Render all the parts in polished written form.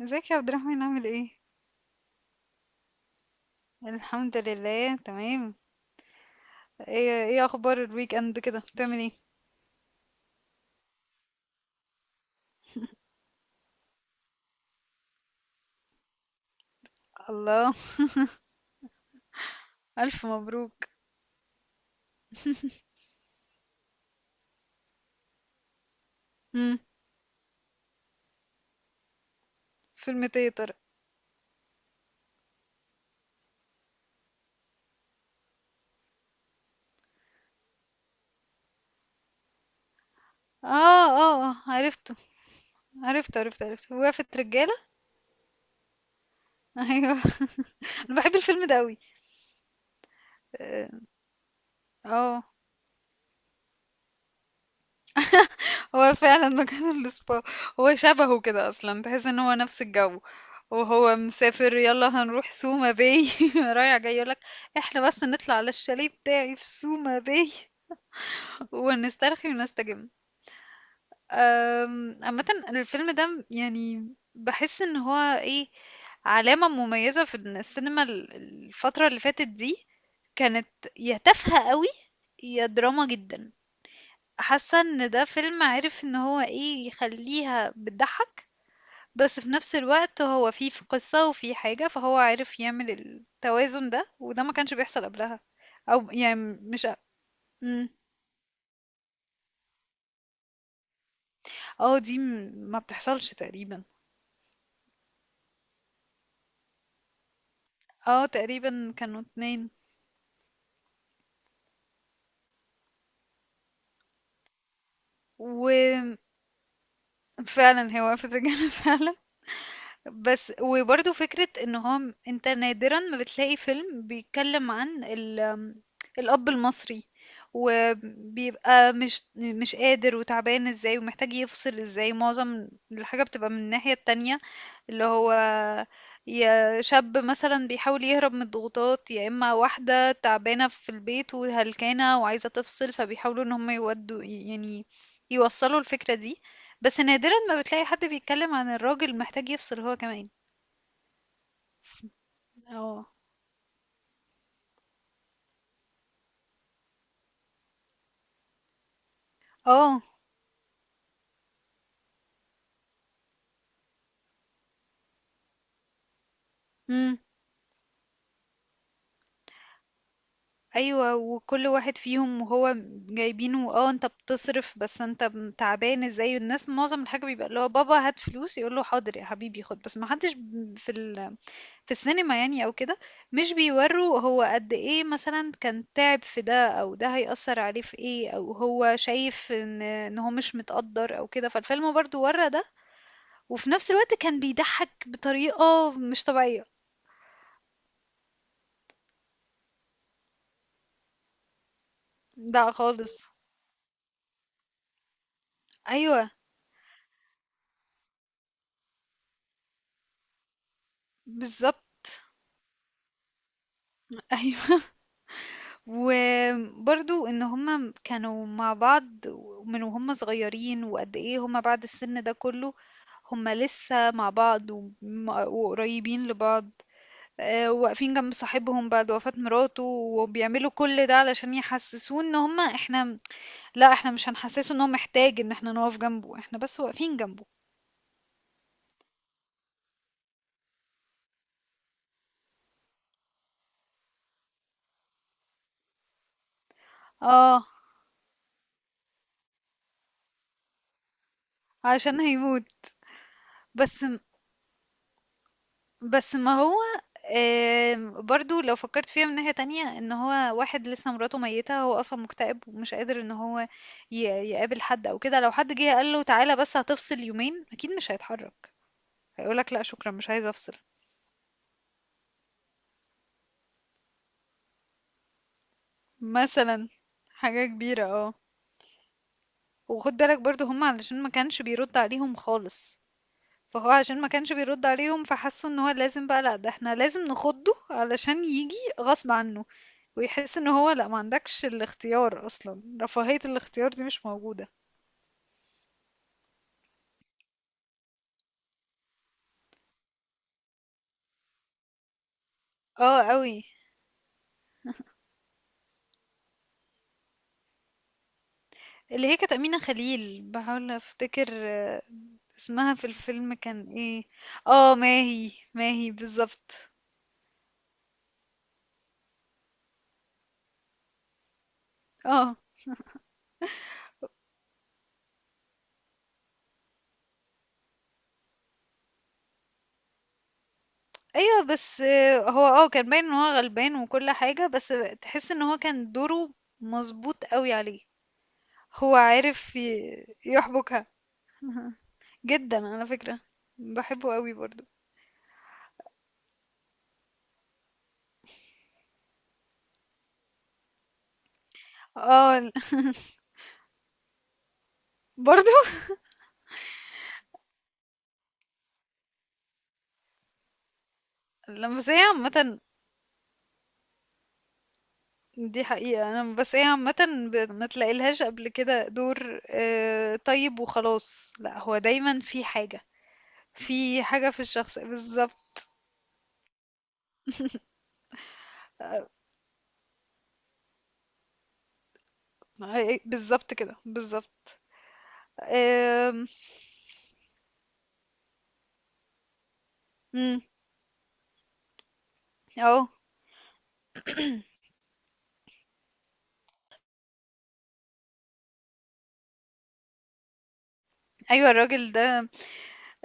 ازيك يا عبد الرحمن، عامل ايه؟ الحمد لله تمام. ايه اخبار الويك اند، كده بتعمل ايه؟ الله. الف مبروك. امم. فيلم ايه يا ترى؟ اه، اه، اه، عرفته، عرفته، عرفته، عرفته، وقفة رجالة. ايوه، انا بحب الفيلم ده قوي. اه، هو فعلا مكان السبا. هو شبهه كده اصلا، تحس ان هو نفس الجو. وهو مسافر يلا هنروح سوما باي. رايح جاي يقولك احنا بس نطلع على الشاليه بتاعي في سوما باي ونسترخي ونستجم. عامة الفيلم ده يعني بحس ان هو ايه، علامة مميزة في إن السينما الفترة اللي فاتت دي كانت يا تافهة قوي، يا دراما جدا. حاسة ان ده فيلم عارف ان هو ايه، يخليها بتضحك، بس في نفس الوقت هو فيه في قصة وفيه حاجة، فهو عارف يعمل التوازن ده، وده ما كانش بيحصل قبلها. او يعني مش. اه مم. آه، دي ما بتحصلش تقريبا. اه، تقريبا كانوا اتنين. وفعلا هي وقفت رجالة فعلا. بس وبرضه فكرة ان هو انت نادرا ما بتلاقي فيلم بيتكلم عن ال الأب المصري، وبيبقى مش قادر وتعبان ازاي، ومحتاج يفصل ازاي. معظم الحاجة بتبقى من الناحية التانية، اللي هو يا شاب مثلا بيحاول يهرب من الضغوطات، يا اما واحدة تعبانة في البيت وهلكانة وعايزة تفصل، فبيحاولوا ان هم يودوا، يعني يوصلوا الفكرة دي. بس نادرا ما بتلاقي حد بيتكلم عن الراجل محتاج يفصل هو كمان. اه، اه. امم. ايوه، وكل واحد فيهم وهو جايبينه، انت بتصرف بس انت تعبان ازاي. الناس معظم الحاجه بيبقى اللي هو بابا هات فلوس، يقول له حاضر يا حبيبي خد، بس ما حدش في في السينما يعني او كده مش بيوروا هو قد ايه مثلا كان تعب في ده، او ده هيأثر عليه في ايه، او هو شايف ان هو مش متقدر او كده. فالفيلم برضو ورا ده، وفي نفس الوقت كان بيضحك بطريقة مش طبيعية. لا خالص. ايوه. بالظبط. ايوه. وبرضو ان هما كانوا مع بعض من وهم صغيرين، وقد ايه هما بعد السن ده كله، هما لسه مع بعض وقريبين لبعض. آه، واقفين جنب صاحبهم بعد وفاة مراته، وبيعملوا كل ده علشان يحسسوه ان هما احنا. لا، احنا مش هنحسسه ان هو محتاج ان احنا نقف جنبه، احنا بس واقفين جنبه. اه. عشان هيموت. بس بس ما هو. برضو لو فكرت فيها من ناحية تانية، ان هو واحد لسه مراته ميتة، هو اصلا مكتئب ومش قادر ان هو ي- يقابل حد او كده. لو حد جه قال له تعالى بس هتفصل يومين، اكيد مش هيتحرك، هيقولك لا شكرا مش عايز افصل. مثلا حاجة كبيرة، اه. وخد بالك برضو هم علشان ما كانش بيرد عليهم خالص، فهو عشان ما كانش بيرد عليهم، فحسوا ان هو لازم بقى، لأ ده احنا لازم نخضه علشان ييجي غصب عنه، ويحس ان هو لأ، ما عندكش الاختيار اصلا، رفاهية الاختيار دي مش موجودة. اه قوي. اللي هي كانت أمينة خليل، بحاول افتكر، اسمها في الفيلم كان ايه؟ اه، ماهي، ماهي بالظبط. اه. ايوه، بس هو كان باين ان هو غلبان وكل حاجة. بس تحس ان هو كان دوره مظبوط قوي عليه، هو عارف يحبكها. أها. جدًا على فكرة، باحبه أوي برضه. آه، ال برضه! لأ، بس هي عامةً، دي حقيقة. أنا بس هي عامةً ب ما تلاقيلهاش قبل كده دور طيب وخلاص. لأ، هو دايمًا في حاجة، في حاجة في الشخص بالضبط. بالضبط كده، بالضبط. آمم. إمم. آه. أيوه الراجل ده،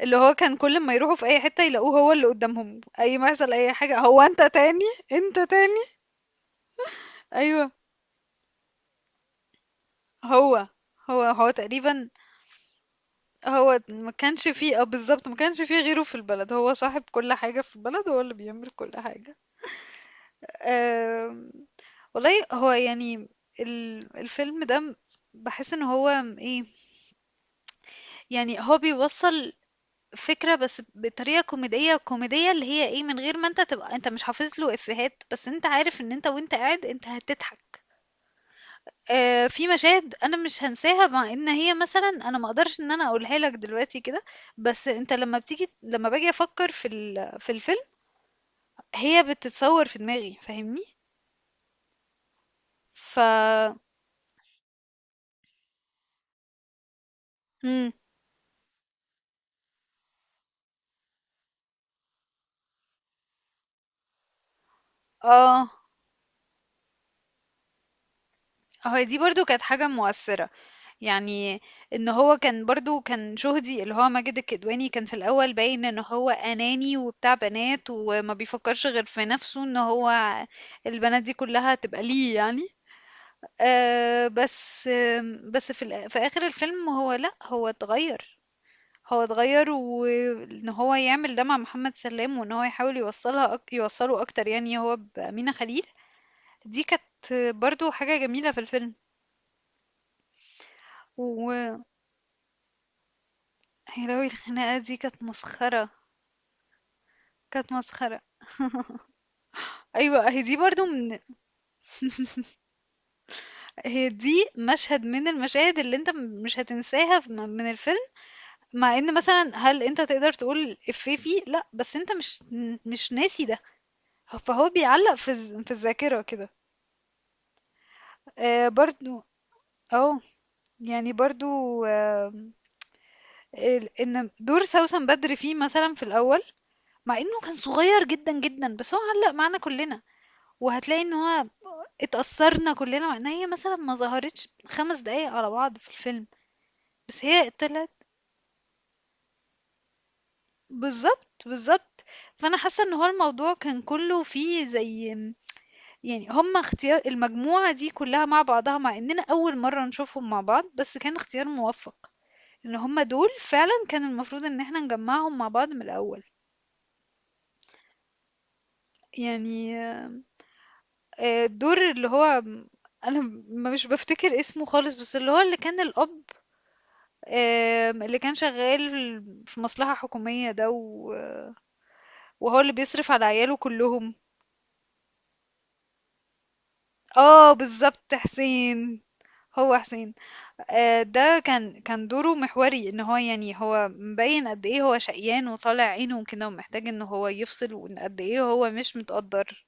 اللي هو كان كل أمّا يروحوا في أي حتة يلاقوه هو اللي قدّامهم، أي ما يحصل أي حاجة، "هو أنت تاني؟ أنت تاني؟" أيوه، هو، هو تقريبًا. هو ما كانش فيه، بالظبط، ما كانش فيه غيره في البلد، هو صاحب كل حاجة في البلد، هو اللي بيعمل كل حاجة. أم... والله هو يعني ال- الفيلم ده م- بحس ان هو م- ايه يعني هو بيوصل فكرة، بس بطريقة كوميدية كوميدية اللي هي ايه، من غير ما انت تبقى انت مش حافظ له افيهات، بس انت عارف ان انت وانت قاعد انت هتضحك. في مشاهد أنا مش هانساها، مع إن هي مثلًا أنا ما أقدرش إن أنا أقولها لك دلوقتي كده، بس أنت لمّا باجي أفكّر في في الفيلم، هي بتتصوّر في دماغي، فاهمني؟ ف إمم، آه، هي دي برضه كانت حاجة مؤثّرة، يعني إن هو كان برضه، كان شهدي اللي هو ماجد الكدواني، كان في الأول باين إن هو أناني وبتاع بنات وما بيفكّرش غير في نَفْسه، إن هو البنات دي كُلّها تبقى ليه يعني. بس في في آخر الفيلم هو لأ، هو اتغيّر. هو اتغيّر وإن هو يعمل ده مع محمد سلام، وإن هو يحاول يوصّله أكتر يعني، هو بأمينة خليل. دي كانت برضه حاجة جميلة في الفيلم. و يا لهوي، الخناقة دي كانت مسخرة، كانت مسخرة. أيوه، أهي دي برضه من، هي دي مشهد من المشاهد اللي أنت مش هتنساها ف من من الفيلم، مع إن مثلًا هل أنت تقدر تقول إفيه فيه؟ لأ، بس أنت مش ناسي ده. فهو بيعلّق في في الذاكرة كده. برضه، آه. يعني برضه. آمم. ال إن دور سوسن بدر فيه مثلًا في الأول، مع إنه كان صغير جدًا، جدًا، بس هو علّق معانا كُلّنا، وهتلاقي إن هو اتأثّرنا كُلّنا، مع إن هي مثلًا ما ظهرتش 5 دقايق على بعض في الفيلم، بس هي طلعت. بالضبط، بالضبط. فأنا حاسّة إن هو الموضوع كان كُلّه فيه زي، يعني هم اختيار المجموعة دي كلّها مع بعضها، مع إننا أول مرّة نشوفهم مع بعض، بس كان اختيار موفّق، إن هم دول فعلًا كان المفروض إن إحنا نجمّعهم مع بعض من الأول. يعني الدور اللي هو أنا مش بافتكر اسمه خالص، بس اللي هو اللي كان الأب، اللي كان شغّال في مصلحة حكومية ده، وهو اللي بيصرف على عياله كلّهم. آه بالضبط، حسين، هو حسين. آه، ده كان دوره محوري، ان هو يعني هو مبين قد ايه هو شقيان وطالع عينه وكده، ومحتاج ان هو يفصل، وان قد ايه هو مش متقدر.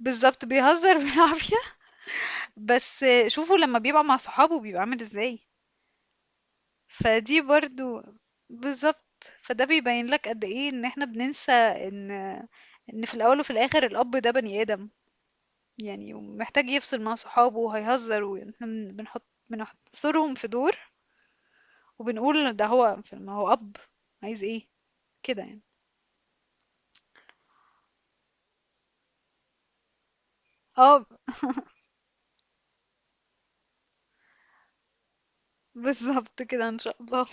بالظبط بيهزر بالعافية. بس شوفوا لما بيبقى مع صحابه بيبقى عامل ازاي. فدي برضو بالظبط، فده بيبين لك قد ايه ان احنا بننسى ان في الاول وفي الاخر الاب ده بني ادم، يعني ومحتاج يفصل مع صحابه وهيهزر، واحنا بنحصرهم في دور، وبنقول ده هو، ما هو أب، عايز ايه كده يعني. اه، بالظبط كده ان شاء الله.